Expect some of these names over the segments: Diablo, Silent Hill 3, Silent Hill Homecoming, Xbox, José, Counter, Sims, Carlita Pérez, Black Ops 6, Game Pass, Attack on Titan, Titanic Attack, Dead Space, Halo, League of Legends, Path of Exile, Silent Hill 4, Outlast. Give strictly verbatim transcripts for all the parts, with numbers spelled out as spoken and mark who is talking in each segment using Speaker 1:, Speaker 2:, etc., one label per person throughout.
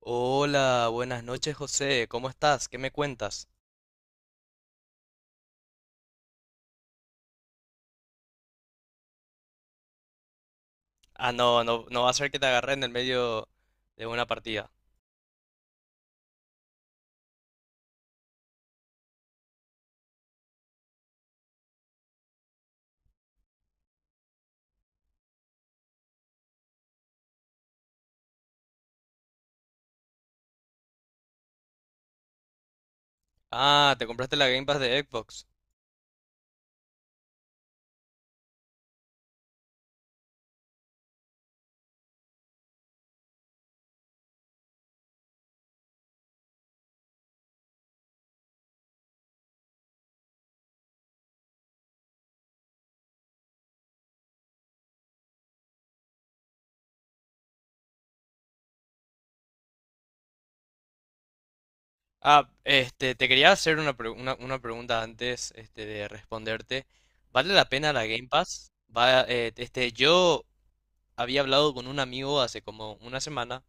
Speaker 1: Hola, buenas noches, José. ¿Cómo estás? ¿Qué me cuentas? Ah, no, no, no va a ser que te agarre en el medio de una partida. Ah, te compraste la Game Pass de Xbox. Ah, este, te quería hacer una, pre- una, una pregunta antes, este, de responderte. ¿Vale la pena la Game Pass? Va, eh, este, yo había hablado con un amigo hace como una semana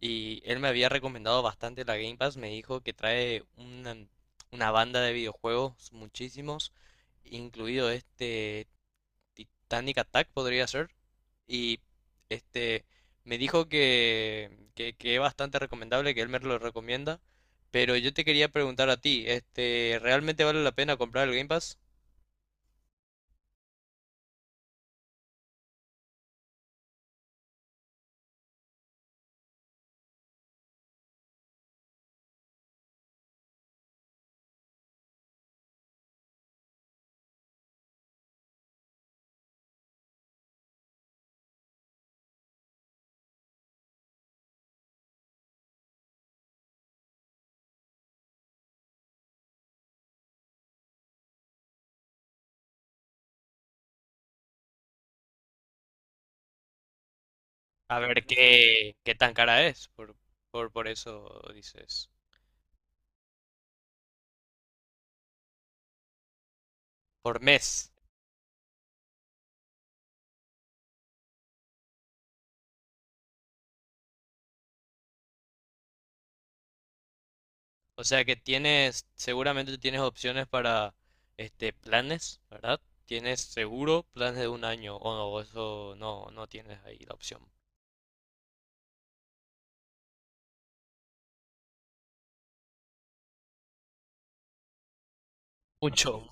Speaker 1: y él me había recomendado bastante la Game Pass. Me dijo que trae una, una banda de videojuegos, muchísimos, incluido este Titanic Attack, podría ser. Y este me dijo que, que, que es bastante recomendable, que él me lo recomienda. Pero yo te quería preguntar a ti, este, ¿realmente vale la pena comprar el Game Pass? A ver qué, qué tan cara es, por, por, por eso dices, por mes. O sea que tienes, seguramente tienes opciones para este planes, ¿verdad? Tienes seguro planes de un año, o no, eso no, no tienes ahí la opción. Mucho.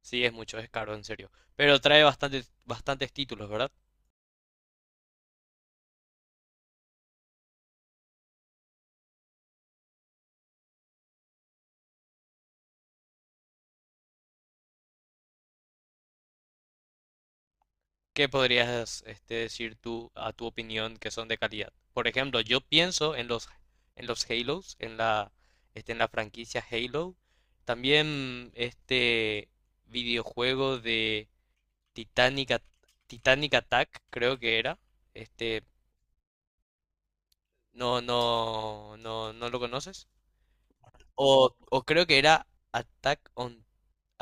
Speaker 1: Sí, es mucho, es caro, en serio. Pero trae bastantes, bastantes títulos, ¿verdad? ¿Qué podrías, este, decir tú a tu opinión, que son de calidad? Por ejemplo, yo pienso en los, en los Halos, en la, este, en la franquicia Halo. También este videojuego de Titanic, At- Titanic Attack, creo que era. Este, no, no, no, no lo conoces. O, o creo que era Attack on,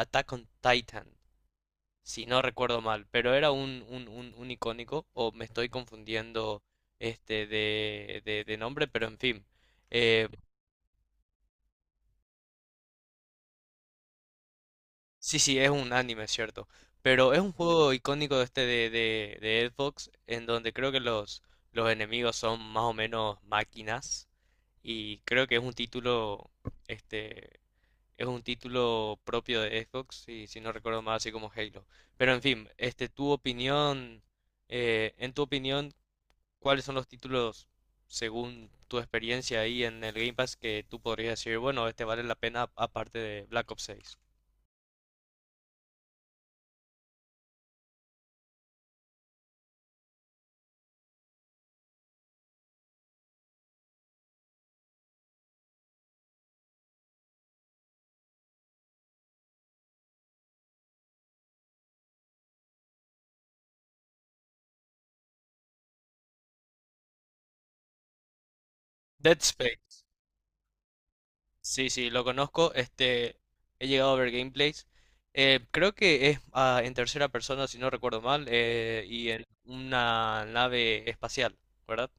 Speaker 1: Attack on Titan, si no recuerdo mal, pero era un, un, un, un icónico, o me estoy confundiendo este de, de, de nombre, pero en fin. Eh, sí, sí, es un anime, es cierto. Pero es un juego icónico de este de, de, de Xbox, en donde creo que los, los enemigos son más o menos máquinas. Y creo que es un título, este, es un título propio de Xbox, si, si no recuerdo mal, así como Halo. Pero en fin, este, tu opinión, eh, en tu opinión, ¿cuáles son los títulos, según tu experiencia ahí en el Game Pass, que tú podrías decir, bueno, este vale la pena aparte de Black Ops seis? Dead Space. Sí, sí, lo conozco. Este, he llegado a ver gameplays. Eh, creo que es ah, en tercera persona, si no recuerdo mal, eh, y en una nave espacial, ¿verdad?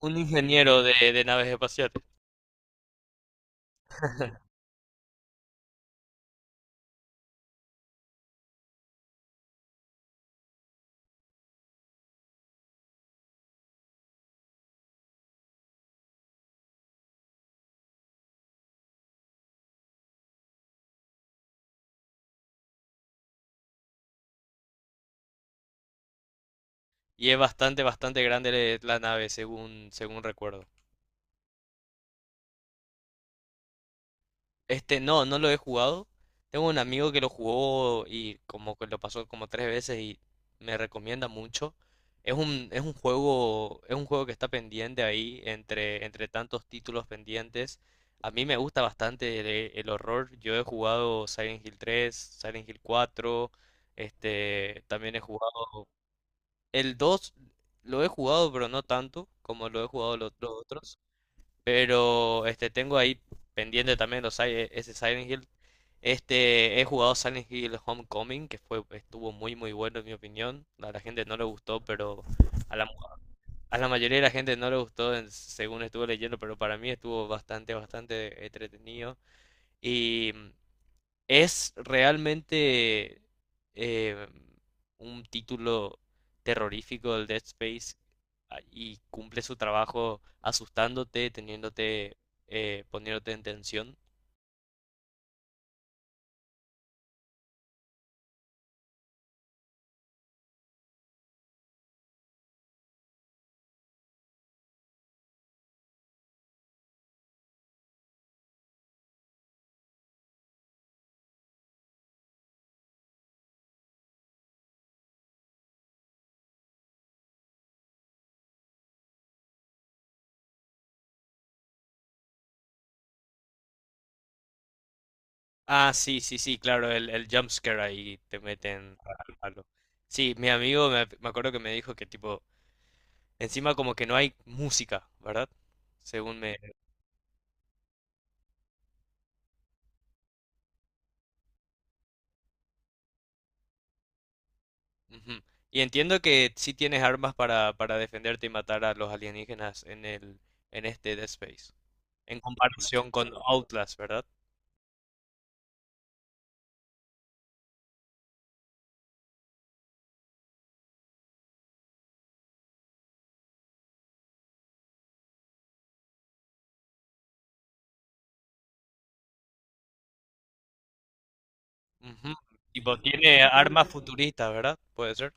Speaker 1: Un ingeniero de, de naves espaciales. Y es bastante, bastante grande la nave, según, según recuerdo. Este, no, no lo he jugado. Tengo un amigo que lo jugó y como que lo pasó como tres veces y me recomienda mucho. Es un, es un juego, es un juego que está pendiente ahí entre, entre tantos títulos pendientes. A mí me gusta bastante el, el horror. Yo he jugado Silent Hill tres, Silent Hill cuatro, este, también he jugado el dos, lo he jugado, pero no tanto como lo he jugado los, los otros. Pero este tengo ahí pendiente también los, si- ese Silent Hill. Este, he jugado Silent Hill Homecoming, que fue, estuvo muy muy bueno en mi opinión. A la gente no le gustó, pero a la, a la mayoría de la gente no le gustó, en- según estuve leyendo, pero para mí estuvo bastante, bastante entretenido. Y mm, es realmente eh, un título terrorífico del Dead Space, ah, y cumple su trabajo asustándote, teniéndote, eh, poniéndote en tensión. Ah, sí, sí, sí, claro, el, el jump scare ahí te meten al palo. Sí, mi amigo me, me acuerdo que me dijo que tipo, encima como que no hay música, ¿verdad? Según me, Ujú. Y entiendo que sí tienes armas para, para defenderte y matar a los alienígenas en el en este Dead Space. En comparación con Outlast, ¿verdad? Ujú. Tipo, tiene armas futuristas, ¿verdad? Puede ser.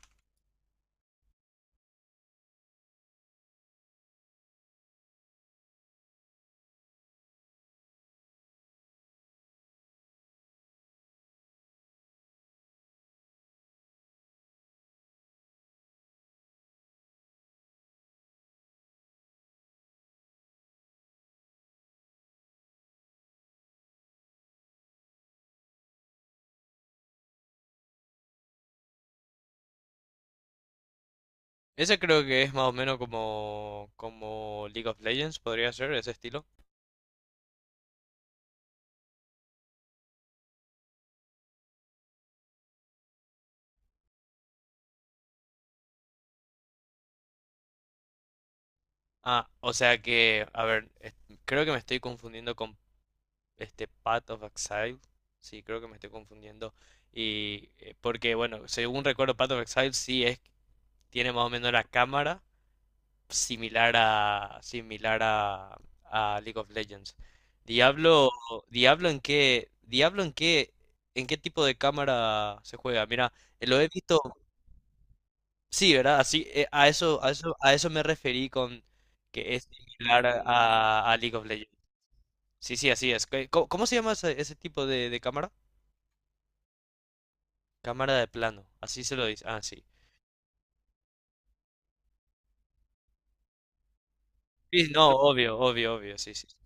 Speaker 1: Ese creo que es más o menos como, como League of Legends, podría ser, ese estilo. Ah, o sea que, a ver, es- creo que me estoy confundiendo con este Path of Exile. Sí, creo que me estoy confundiendo. Y eh, porque, bueno, según recuerdo, Path of Exile sí es, tiene más o menos la cámara similar a similar a, a League of Legends. Diablo, Diablo en qué, Diablo en qué, en qué tipo de cámara se juega. Mira, eh, lo he visto, sí, ¿verdad? Así, eh, a eso, a eso, a eso me referí con que es similar a, a League of Legends. Sí, sí, así es. ¿Qué- ¿Cómo, cómo se llama ese, ese tipo de, de cámara? Cámara de plano, así se lo dice. Ah, sí. Sí, no, obvio, obvio, obvio, sí, sí, sí.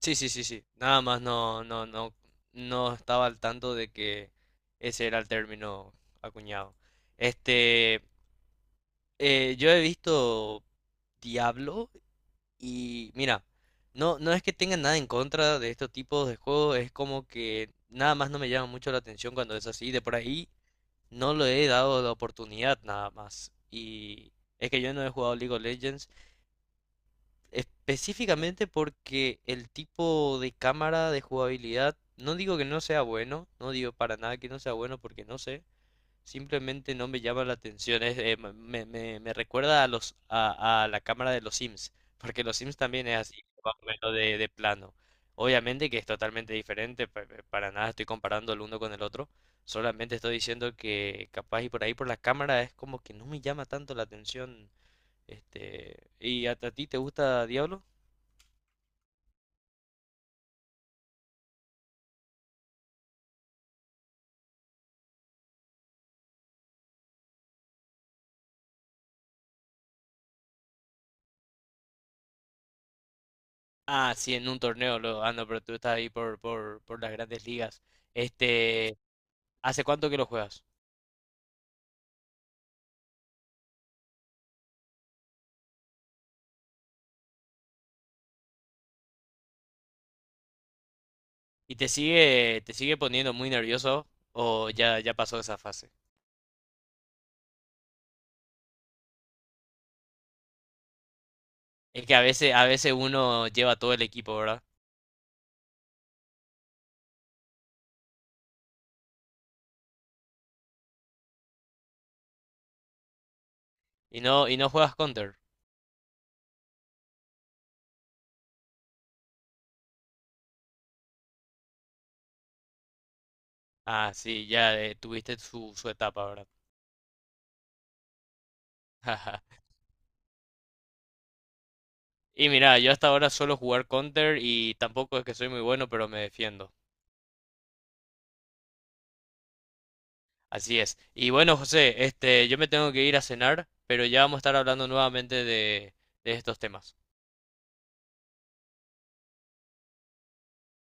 Speaker 1: Sí, sí, sí, sí. Nada más no, no, no, no estaba al tanto de que ese era el término acuñado. Este, eh, yo he visto Diablo y mira, no, no es que tenga nada en contra de estos tipos de juegos, es como que nada más no me llama mucho la atención cuando es así. De por ahí no le he dado la oportunidad nada más. Y es que yo no he jugado League of Legends. Específicamente porque el tipo de cámara de jugabilidad, no digo que no sea bueno, no digo para nada que no sea bueno porque no sé, simplemente no me llama la atención, es, eh, me, me- me- me recuerda a los a, a la cámara de los Sims, porque los Sims también es así, más o menos de, de plano. Obviamente que es totalmente diferente, pa- pa- para nada estoy comparando el uno con el otro, solamente estoy diciendo que capaz y por ahí por la cámara es como que no me llama tanto la atención. Este, ¿y a, ¿a ti te gusta Diablo? Ah, sí, en un torneo luego. Ah, no, pero tú estás ahí por, por, por las grandes ligas. Este, ¿hace cuánto que lo juegas? ¿Y te sigue, te sigue poniendo muy nervioso o ya, ya pasó esa fase? Es que a veces, a veces uno lleva todo el equipo, ¿verdad? Y no, y no juegas Counter. Ah, sí, ya, eh, tuviste su, su etapa, ¿verdad? Jaja. Y mira, yo hasta ahora suelo jugar Counter y tampoco es que soy muy bueno, pero me defiendo. Así es. Y bueno, José, este, yo me tengo que ir a cenar, pero ya vamos a estar hablando nuevamente de, de estos temas.